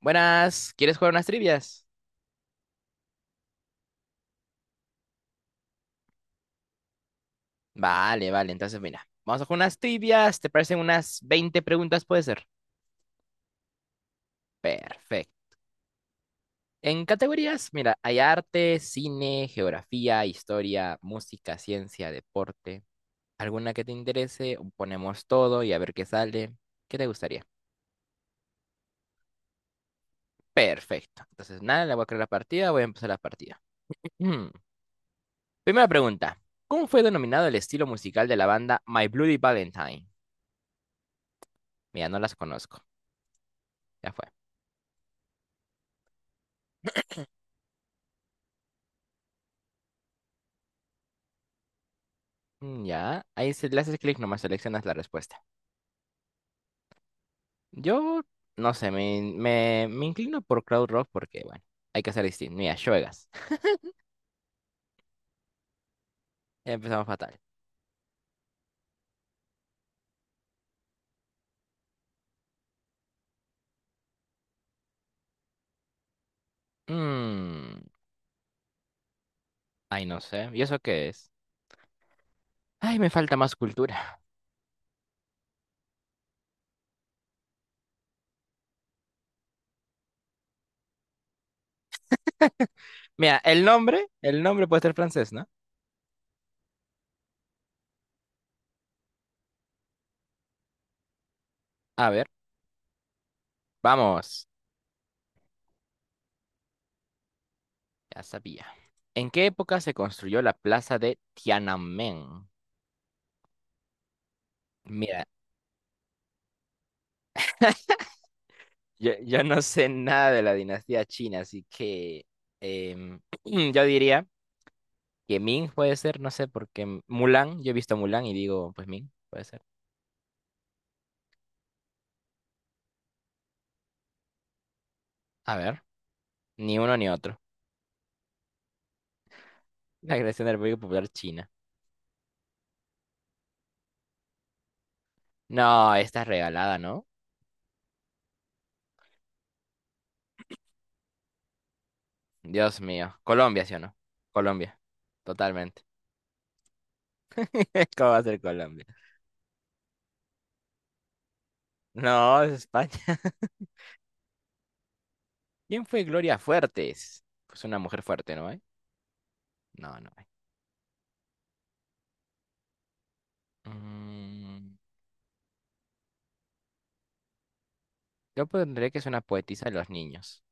Buenas, ¿quieres jugar unas trivias? Vale, vale, entonces mira, vamos a jugar unas trivias, ¿te parecen unas 20 preguntas puede ser? Perfecto. En categorías, mira, hay arte, cine, geografía, historia, música, ciencia, deporte. ¿Alguna que te interese? Ponemos todo y a ver qué sale. ¿Qué te gustaría? Perfecto. Entonces, nada, le voy a crear la partida, voy a empezar la partida. Ujú. Primera pregunta. ¿Cómo fue denominado el estilo musical de la banda My Bloody Valentine? Mira, no las conozco. Ya. Mm. Ya, ahí le haces clic, nomás seleccionas la respuesta. Yo, no sé, me inclino por Cloud Rock porque, bueno, hay que ser distinto. Mira, Shoegaze. Empezamos fatal. Mm, ay, no sé. ¿Y eso qué es? Ay, me falta más cultura. Mira, el nombre puede ser francés, ¿no? A ver, vamos. Ya sabía. ¿En qué época se construyó la plaza de Tiananmen? Mira, yo no sé nada de la dinastía china, así que em, yo diría. Que Ming puede ser, no sé, porque Mulan, yo he visto Mulan y digo, pues Ming, puede ser. A ver, ni uno ni otro. La creación de la República Popular China. No, esta es regalada, ¿no? Dios mío. Colombia, ¿sí o no? Colombia. Totalmente. ¿Cómo va a ser Colombia? No, es España. ¿Quién fue Gloria Fuertes? Pues una mujer fuerte, ¿no hay? No, no hay. Mm, yo pondré que es una poetisa de los niños.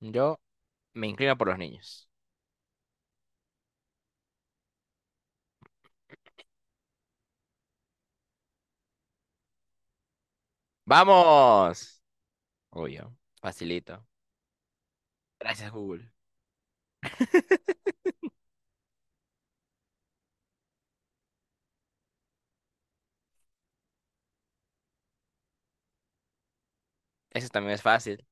Yo me inclino por los niños. ¡Vamos! Obvio. Facilito. Gracias, Google. Eso también es fácil.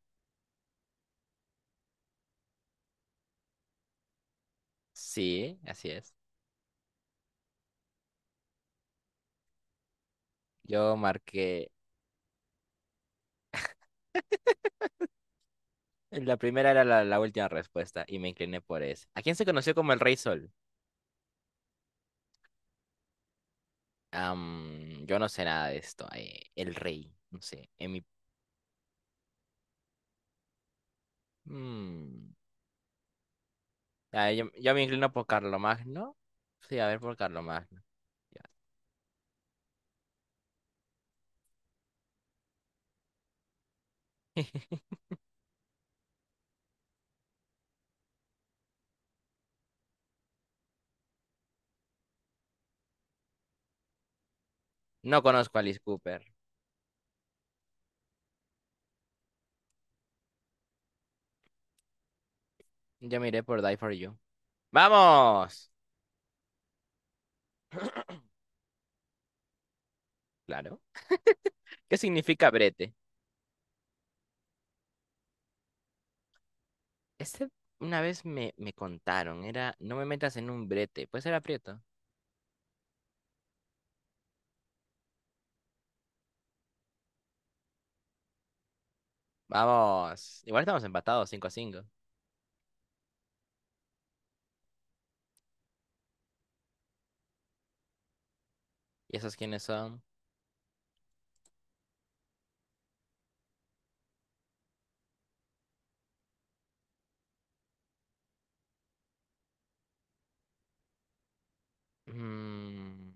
Sí, así es. Yo marqué. La primera era la última respuesta y me incliné por eso. ¿A quién se conoció como el Rey Sol? Yo no sé nada de esto. El Rey, no sé. En mi... mm, ah, yo me inclino por Carlomagno. Sí, a ver, por Carlomagno. Ya. No conozco a Alice Cooper. Yo miré por Die for You. ¡Vamos! Claro. ¿Qué significa brete? Este una vez me contaron, era no me metas en un brete, puede ser aprieto. Vamos, igual estamos empatados 5-5. ¿Y esos quiénes son? Mm,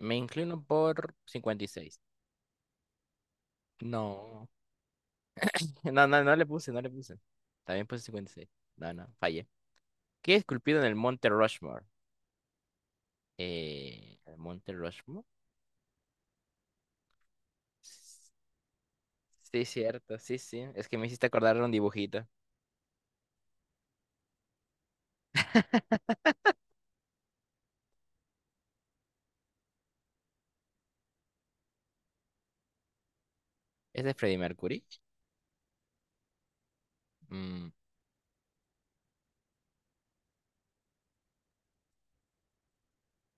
me inclino por 56. No, no, no, no le puse, no le puse. También puse 56. No, no, fallé. ¿Qué es esculpido en el Monte Rushmore? ¿El Monte Rushmore? S- Sí, cierto, sí, sí. Es que me hiciste acordar de un dibujito. ¿Es de Freddie Mercury? Mm,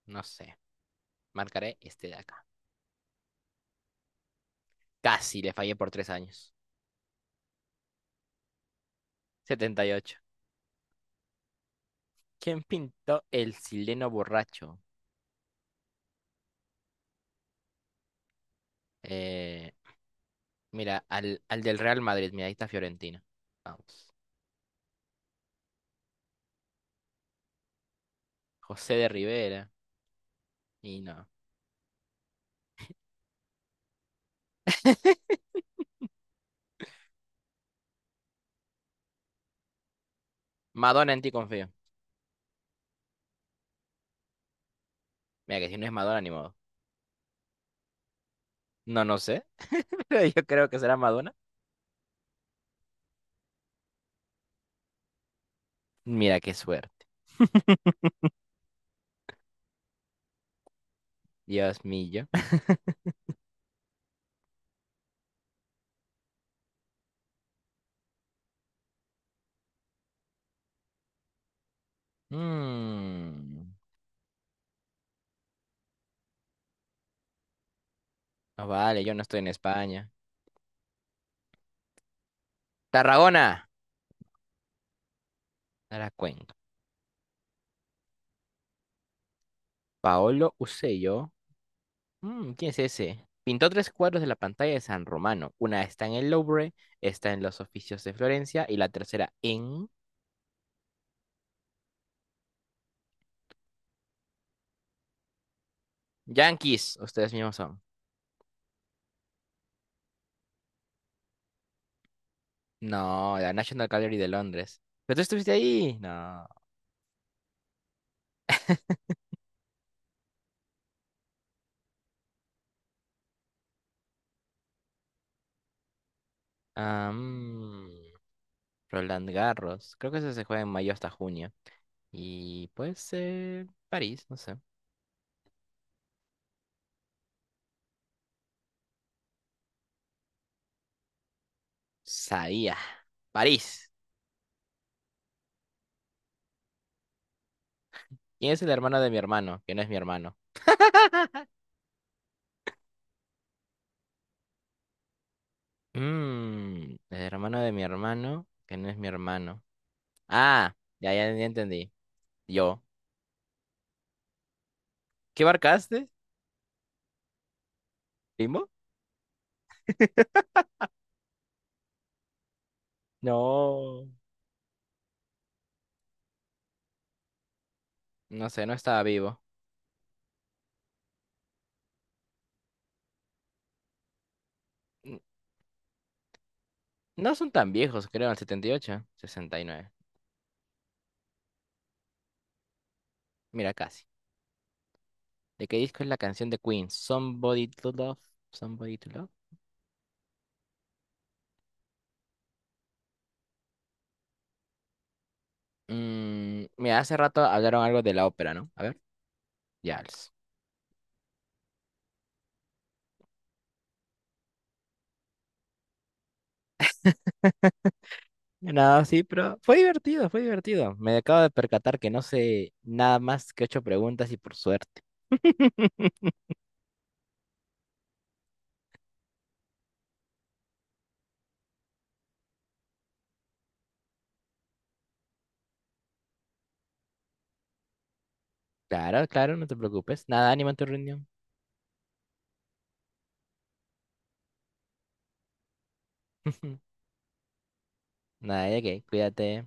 no sé. Marcaré este de acá. Casi le fallé por 3 años. 78. ¿Quién pintó el sileno borracho? Eh, mira, al del Real Madrid. Mira, ahí está Fiorentina. Vamos. José de Rivera. Y no. Madonna en ti confío. Mira, que si no es Madonna, ni modo. No, no sé. Pero yo creo que será Madonna. Mira, qué suerte. Dios mío. Mm. No vale, yo no estoy en España. Tarragona. Era Cuenca. Paolo Usello. ¿Quién es ese? Pintó tres cuadros de la pantalla de San Romano. Una está en el Louvre, está en los oficios de Florencia y la tercera en Yankees. Ustedes mismos son. No, la National Gallery de Londres. ¿Pero tú estuviste ahí? No. Ah, Roland Garros. Creo que eso se juega en mayo hasta junio. Y pues París, no sé. Sabía. París. ¿Quién es el hermano de mi hermano? Que no es mi hermano. El hermano de mi hermano, que no es mi hermano. Ah, ya, ya, ya entendí. Yo. ¿Qué marcaste? ¿Primo? No. No sé, no estaba vivo. N- No son tan viejos, creo, el 78, 69. Mira, casi. ¿De qué disco es la canción de Queen? Somebody to Love. Somebody to Love. Mira, hace rato hablaron algo de la ópera, ¿no? A ver, ya. Nada, sí, pero fue divertido, fue divertido. Me acabo de percatar que no sé nada más que ocho preguntas y por suerte. Claro, claro, no te preocupes. Nada, ánimo en tu reunión. Nada de qué, cuídate.